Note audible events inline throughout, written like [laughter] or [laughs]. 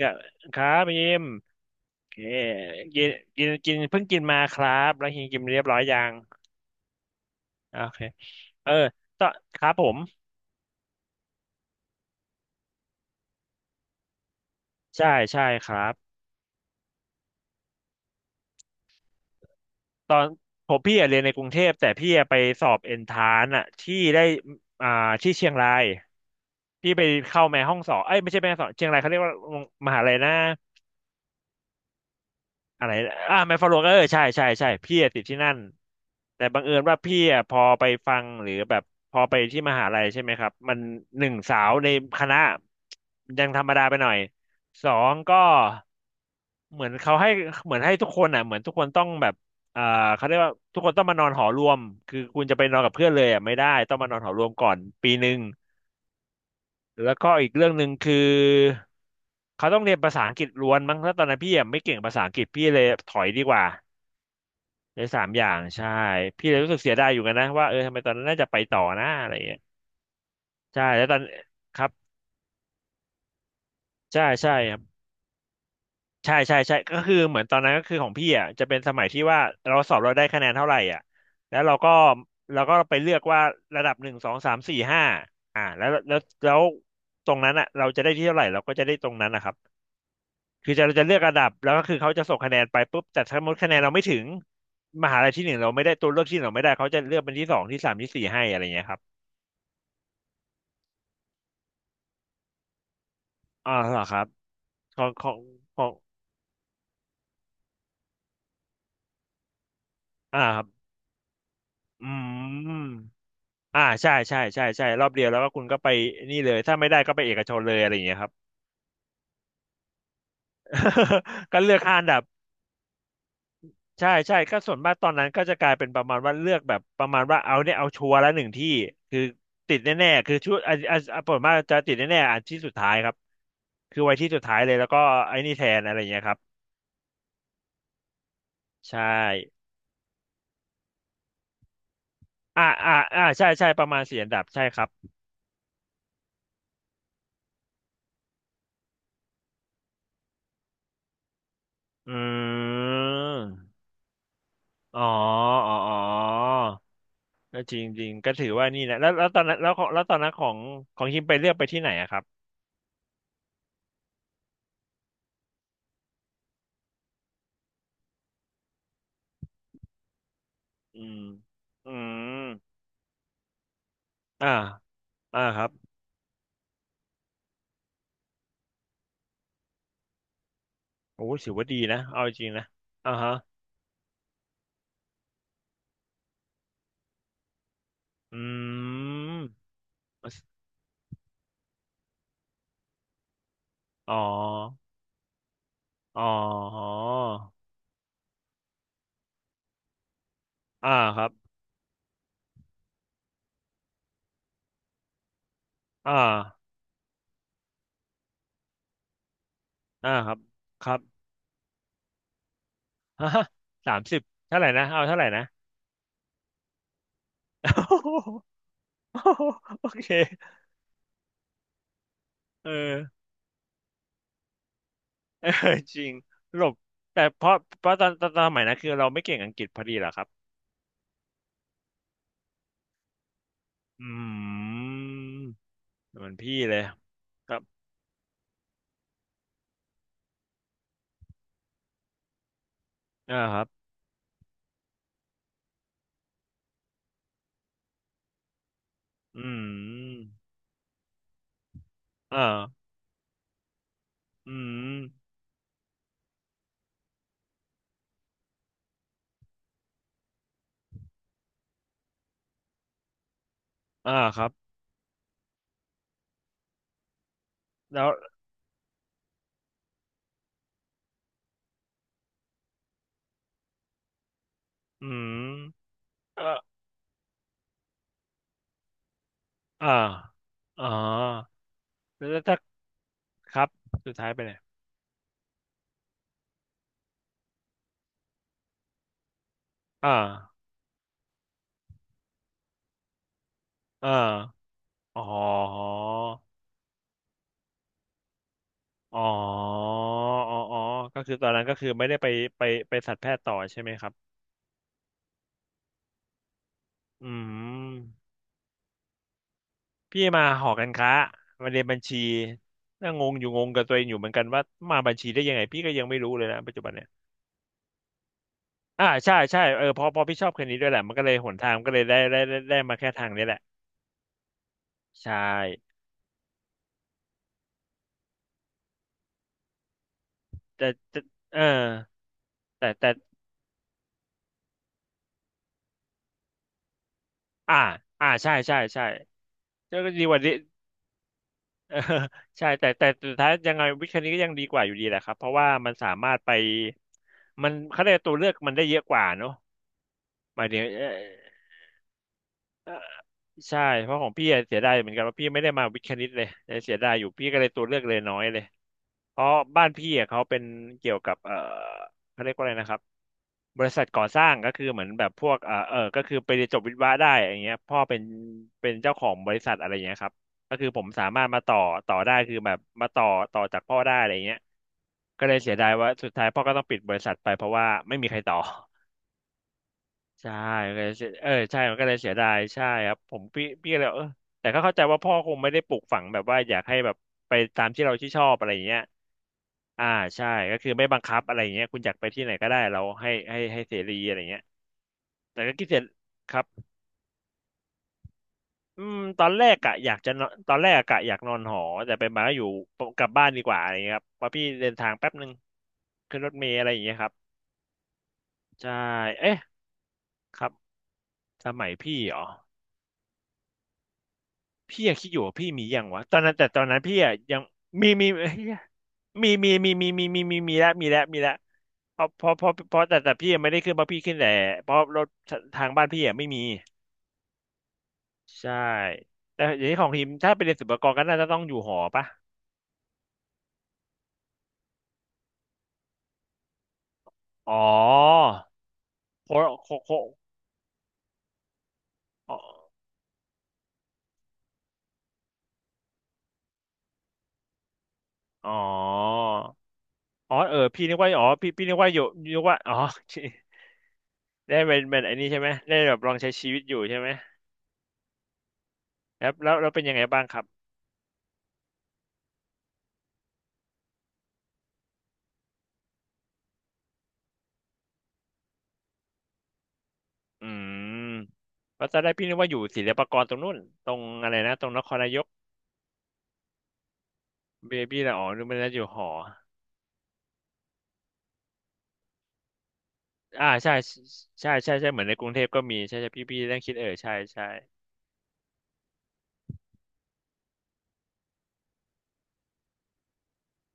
ครับครับยิมโอเคกินกินกินเพิ่งกินมาครับแล้วกินกินเรียบร้อยยังโอเคเออตอนครับผมใช่ใช่ครับตอนผมพี่อะเรียนในกรุงเทพแต่พี่อะไปสอบเอนทรานอะที่ได้อ่าที่เชียงรายพี่ไปเข้าแม่ห้องสอนเอ้ยไม่ใช่แม่ห้องสอนเชียงรายเขาเรียกว่ามหาลัยนะ อะไรอ่าแมฟฟาโลก็เออใช่ใช่ใช่พี่อะติดที่นั่นแต่บังเอิญว่าพี่อะพอไปฟังหรือแบบพอไปที่มหาลัยใช่ไหมครับมันหนึ่งสาวในคณะยังธรรมดาไปหน่อยสองก็เหมือนเขาให้เหมือนให้ทุกคนอ่ะเหมือนทุกคนต้องแบบอ่าเขาเรียกว่าทุกคนต้องมานอนหอรวมคือคุณจะไปนอนกับเพื่อนเลยอ่ะไม่ได้ต้องมานอนหอรวมก่อนปีหนึ่งแล้วก็อีกเรื่องหนึ่งคือเขาต้องเรียนภาษาอังกฤษล้วนมั้งแล้วตอนนั้นพี่อะไม่เก่งภาษาอังกฤษพี่เลยถอยดีกว่า ในสามอย่างใช่พี่เลยรู้สึกเสียดายอยู่กันนะว่าเออทำไมตอนนั้นน่าจะไปต่อนะอะไรอย่างเงี้ยใช่แล้วตอนครับใช่ใช่ครับใช่ใช่ใช่ก็คือเหมือนตอนนั้นก็คือของพี่อ่ะจะเป็นสมัยที่ว่าเราสอบเราได้คะแนนเท่าไหร่อ่ะแล้วเราก็เราก็ไปเลือกว่าระดับหนึ่งสองสามสี่ห้าอ่าแล้วตรงนั้นอ่ะเราจะได้ที่เท่าไหร่เราก็จะได้ตรงนั้นนะครับคือจะเราจะเลือกระดับแล้วก็คือเขาจะส่งคะแนนไปปุ๊บแต่ถ้าสมมติคะแนนเราไม่ถึงมหาลัยที่หนึ่งเราไม่ได้ตัวเลือกที่หนึ่งเราไม่ได้เขาจะเลือกเป็นที่สองที่สามที่สี่ให้อะไรเงี้ยครับ อ่าเหรอครับของของของอ่าครับอืมอ่าใช่ใช่ใช่ใช่รอบเดียวแล้วก็คุณก็ไปนี่เลยถ้าไม่ได้ก็ไปเอกชนเลยอะไรอย่างเงี้ยครับ [laughs] ก็เลือกห้าอันดับใช่ใช่ก็ส่วนมากตอนนั้นก็จะกลายเป็นประมาณว่าเลือกแบบประมาณว่าเอาเนี่ยเอาชัวร์ละหนึ่งที่คือติดแน่ๆคือชุดอ่ะอ่ะอ่ะผลมว่ากจะติดแน่ๆอันที่สุดท้ายครับคือไว้ที่สุดท้ายเลยแล้วก็ไอ้นี่แทนอะไรอย่างเงี้ยครับใช่อ่าอ่าอ่าใช่ใช่ประมาณสี่อันดับใช่ครับอืม อ๋ออ๋ออ๋อก็จริงจริงก็ถือว่านี่แหละแล้วแล้วตอนนั้นแล้วของแล้วตอนนั้นของฮิมไปเลือกไปที่ไหนอะครับอืมอืมอ่าอ่าครับโอ้ถือว่าดีนะเอาจริงนะอ่าฮะอืมอ๋ออ๋ออ่าครับอ่าอ่าครับครับฮะ30เท่าไหร่นะเอาเท่าไหร่นะ [laughs] โอเคเออ เออ [laughs] จริงหลบแต่เพราะตอนสมัยนั้นคือเราไม่เก่งอังกฤษพอดีเหรอครับอืมเหมือนพี่เลยครับอ่าครับอืมอ่าอืมอ่าครับแล้วอืมอ่าอ่าอ๋อแล้วถ้าครับสุดท้ายไปไหนอ่าอ่าอ๋ออ๋ออ๋ออ๋อก็คือตอนนั้นก็คือไม่ได้ไปไปไปสัตวแพทย์ต่อใช่ไหมครับอืม พี่มาหอการค้ามาเรียนบัญชีน่างงอยู่งงกับตัวเองอยู่เหมือนกันว่ามาบัญชีได้ยังไงพี่ก็ยังไม่รู้เลยนะปัจจุบันเนี่ยอ่าใช่ใช่เออพอพี่ชอบคนนี้ด้วยแหละมันก็เลยหนทางก็เลยได้มาแค่ทางนี้แหละใช่แต่เออแต่อ่าอ่าใช่ใช่ใช่ก็ก็ดีกว่าดี้เออ [laughs] ใช่แต่แต่แต่สุดท้ายยังไงวิชานี้ก็ยังดีกว่าอยู่ดีแหละครับเพราะว่ามันสามารถไปมันเขาเรียกตัวเลือกมันได้เยอะกว่าเนอะหมายถึงเออ ใช่เพราะของพี่อะเสียดายเหมือนกันว่าพี่ไม่ได้มาวิทย์คณิตเลยเลยงเสียดายอยู่พี่ก็เลยตัวเลือกเลยน้อยเลยเพราะบ้านพี่อะเขาเป็นเกี่ยวกับเออเขาเรียกว่าอะไรนะครับบริษัทก่อสร้างก็คือเหมือนแบบพวกเออเออก็คือไปเรียนจบวิศวะได้อย่างเงี้ยพ่อเป็นเจ้าของบริษัทอะไรอย่างเงี้ยครับก็คือผมสามารถมาต่อต่อได้คือแบบมาต่อจากพ่อได้อะไรอย่างเงี้ยก็เลยเสียดายว่าสุดท้ายพ่อก็ต้องปิดบริษัทไปเพราะว่าไม่มีใครต่อ ใช่มันก็เลยเสียเออใช่มันก็เลยเสียดายใช่ครับผมพี่ก็เลยแต่ก็เข้าใจว่าพ่อคงไม่ได้ปลูกฝังแบบว่าอยากให้แบบไปตามที่เราที่ชอบอะไรอย่างเงี้ยอ่าใช่ก็คือไม่บังคับอะไรอย่างเงี้ยคุณอยากไปที่ไหนก็ได้เราให้เสรีอะไรเงี้ยแต่ก็คิดเสร็จครับอืมตอนแรกอะอยากจะนอนตอนแรกอะกะอยากนอนหอแต่ไปมาก็อยู่กลับบ้านดีกว่าอะไรเงี้ยครับเพราะพี่เดินทางแป๊บนึงขึ้นรถเมล์อะไรอย่างเงี้ยครับใช่เอ๊ะครับสมัยพี่เหรอ พี่ยังคิดอยู่ว่าพี่มียังวะตอนนั้นแต่ตอนนั้นพี่อะยังมีเหี้ยมีแล้วมีแล้วเพราะเพราะเพราะเพราะแต่พี่ยังไม่ได้ขึ้นเพราะพี่ขึ้นแต่เพราะรถทางบ้านพี่อะไม่มีใช่แต่อย่างนี้ของทีมถ้าไปเรียนศุลกากรก็น่าจะต้องอยู่หอปะอ๋อโคโคอ๋ออ๋ออ๋อพี่นึกว่าอ๋อพี่นึกว่าอยู่นึกว่าอ๋อ [laughs] ได้เป็นไอ้นี่ใช่ไหมได้แบบลองใช้ชีวิตอยู่ใช่ไหมแล้วเป็นยังไงบ้างครับ อืมก็จะได้พี่นึกว่าอยู่ศิลปากรตรงนู้นตรงอะไรนะตรงนครนายกเบบี้ละอ๋อนึกว่าน่จะอยู่หออ่าใช่เหมือนในกรุงเทพก็มีใช่พี่นั่งคิดใช่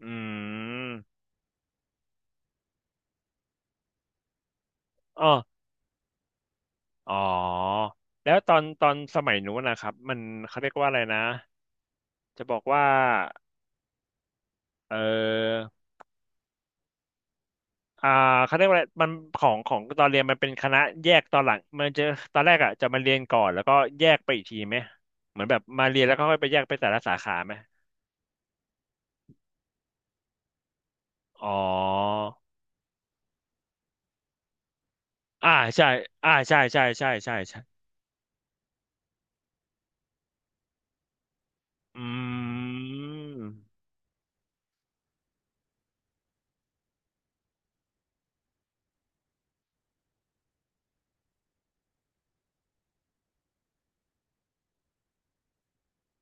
อืมอ๋ออ๋อแล้วตอนสมัยนู้นนะครับมันเขาเรียกว่าอะไรนะจะบอกว่าเออ อ่าเขาเรียกว่าอะไรมันของตอนเรียนมันเป็นคณะแยกตอนหลังมันจะตอนแรกอ่ะจะมาเรียนก่อนแล้วก็แยกไปอีกทีไหมเหมือนแบบมาเรียนแล้วก็ค่อยไปแยกไปแต่ละสาขาไหมอ๋ออ่าใช่อ่าใช่อืม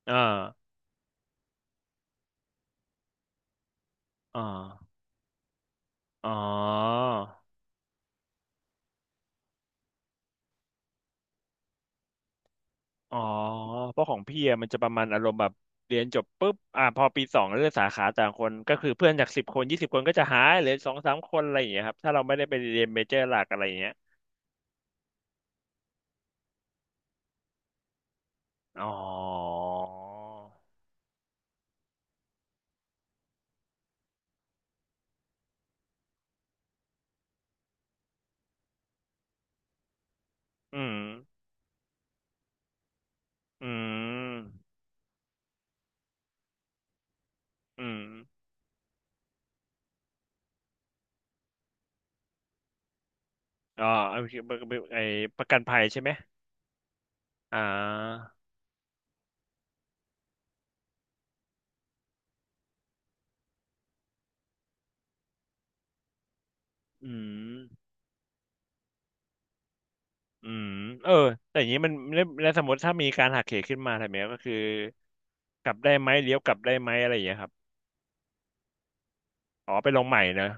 อ่าอ่าอ๋ออ๋อเพราะของพี่อะมันจะประมาณอารมณ์แบบเรียนจบปุ๊บอ่าพอปีสองเลือกสาขาต่างคนก็คือเพื่อนจากสิบคนยี่สิบคนก็จะหายเหลือสองสามคนอะไรอย่างเงี้ยครับถ้าเราไม่ได้ไปเรียนเมเจอร์หลักอะไรอย่างเงี้ย อ๋ออืมอืมอืมอ๋อเอาไอ้ประกันภัยใช่ไหมอ่าอืมอืมเออแต่อย่างนี้มันแล้วสมมติถ้ามีการหักเหขึ้นมาทำไงก็คือกลับได้ไหมเลี้ยวกลับได้ไหมอะไรอย่างเงี้ยครับอ๋อไปลงใหม่เนอะ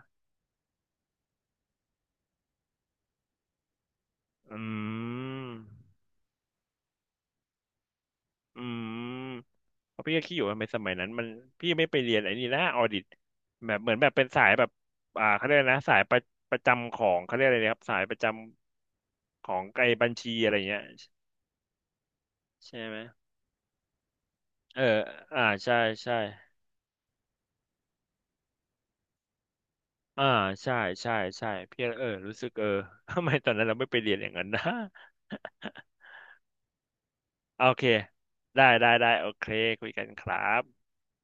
อืม อืมเพราะพี่ก็คิดอยู่ว่าในสมัยนั้นมันพี่ไม่ไปเรียนไอ้นี่นะออดิตแบบเหมือนแบบเป็นสายแบบเขาเรียกอะไรนะสายประจำของเขาเรียกอะไรนะครับสายประจำของไอ้บัญชีอะไรเงี้ยใช่ไหมเอออ่าใช่ใช่อ่าใช่ใช่ใช่พี่รู้สึก [laughs] ทำไมตอนนั้นเราไม่ไปเรียนอย่างนั้นนะ [laughs] โอเคได้โอเคคุยกันครับ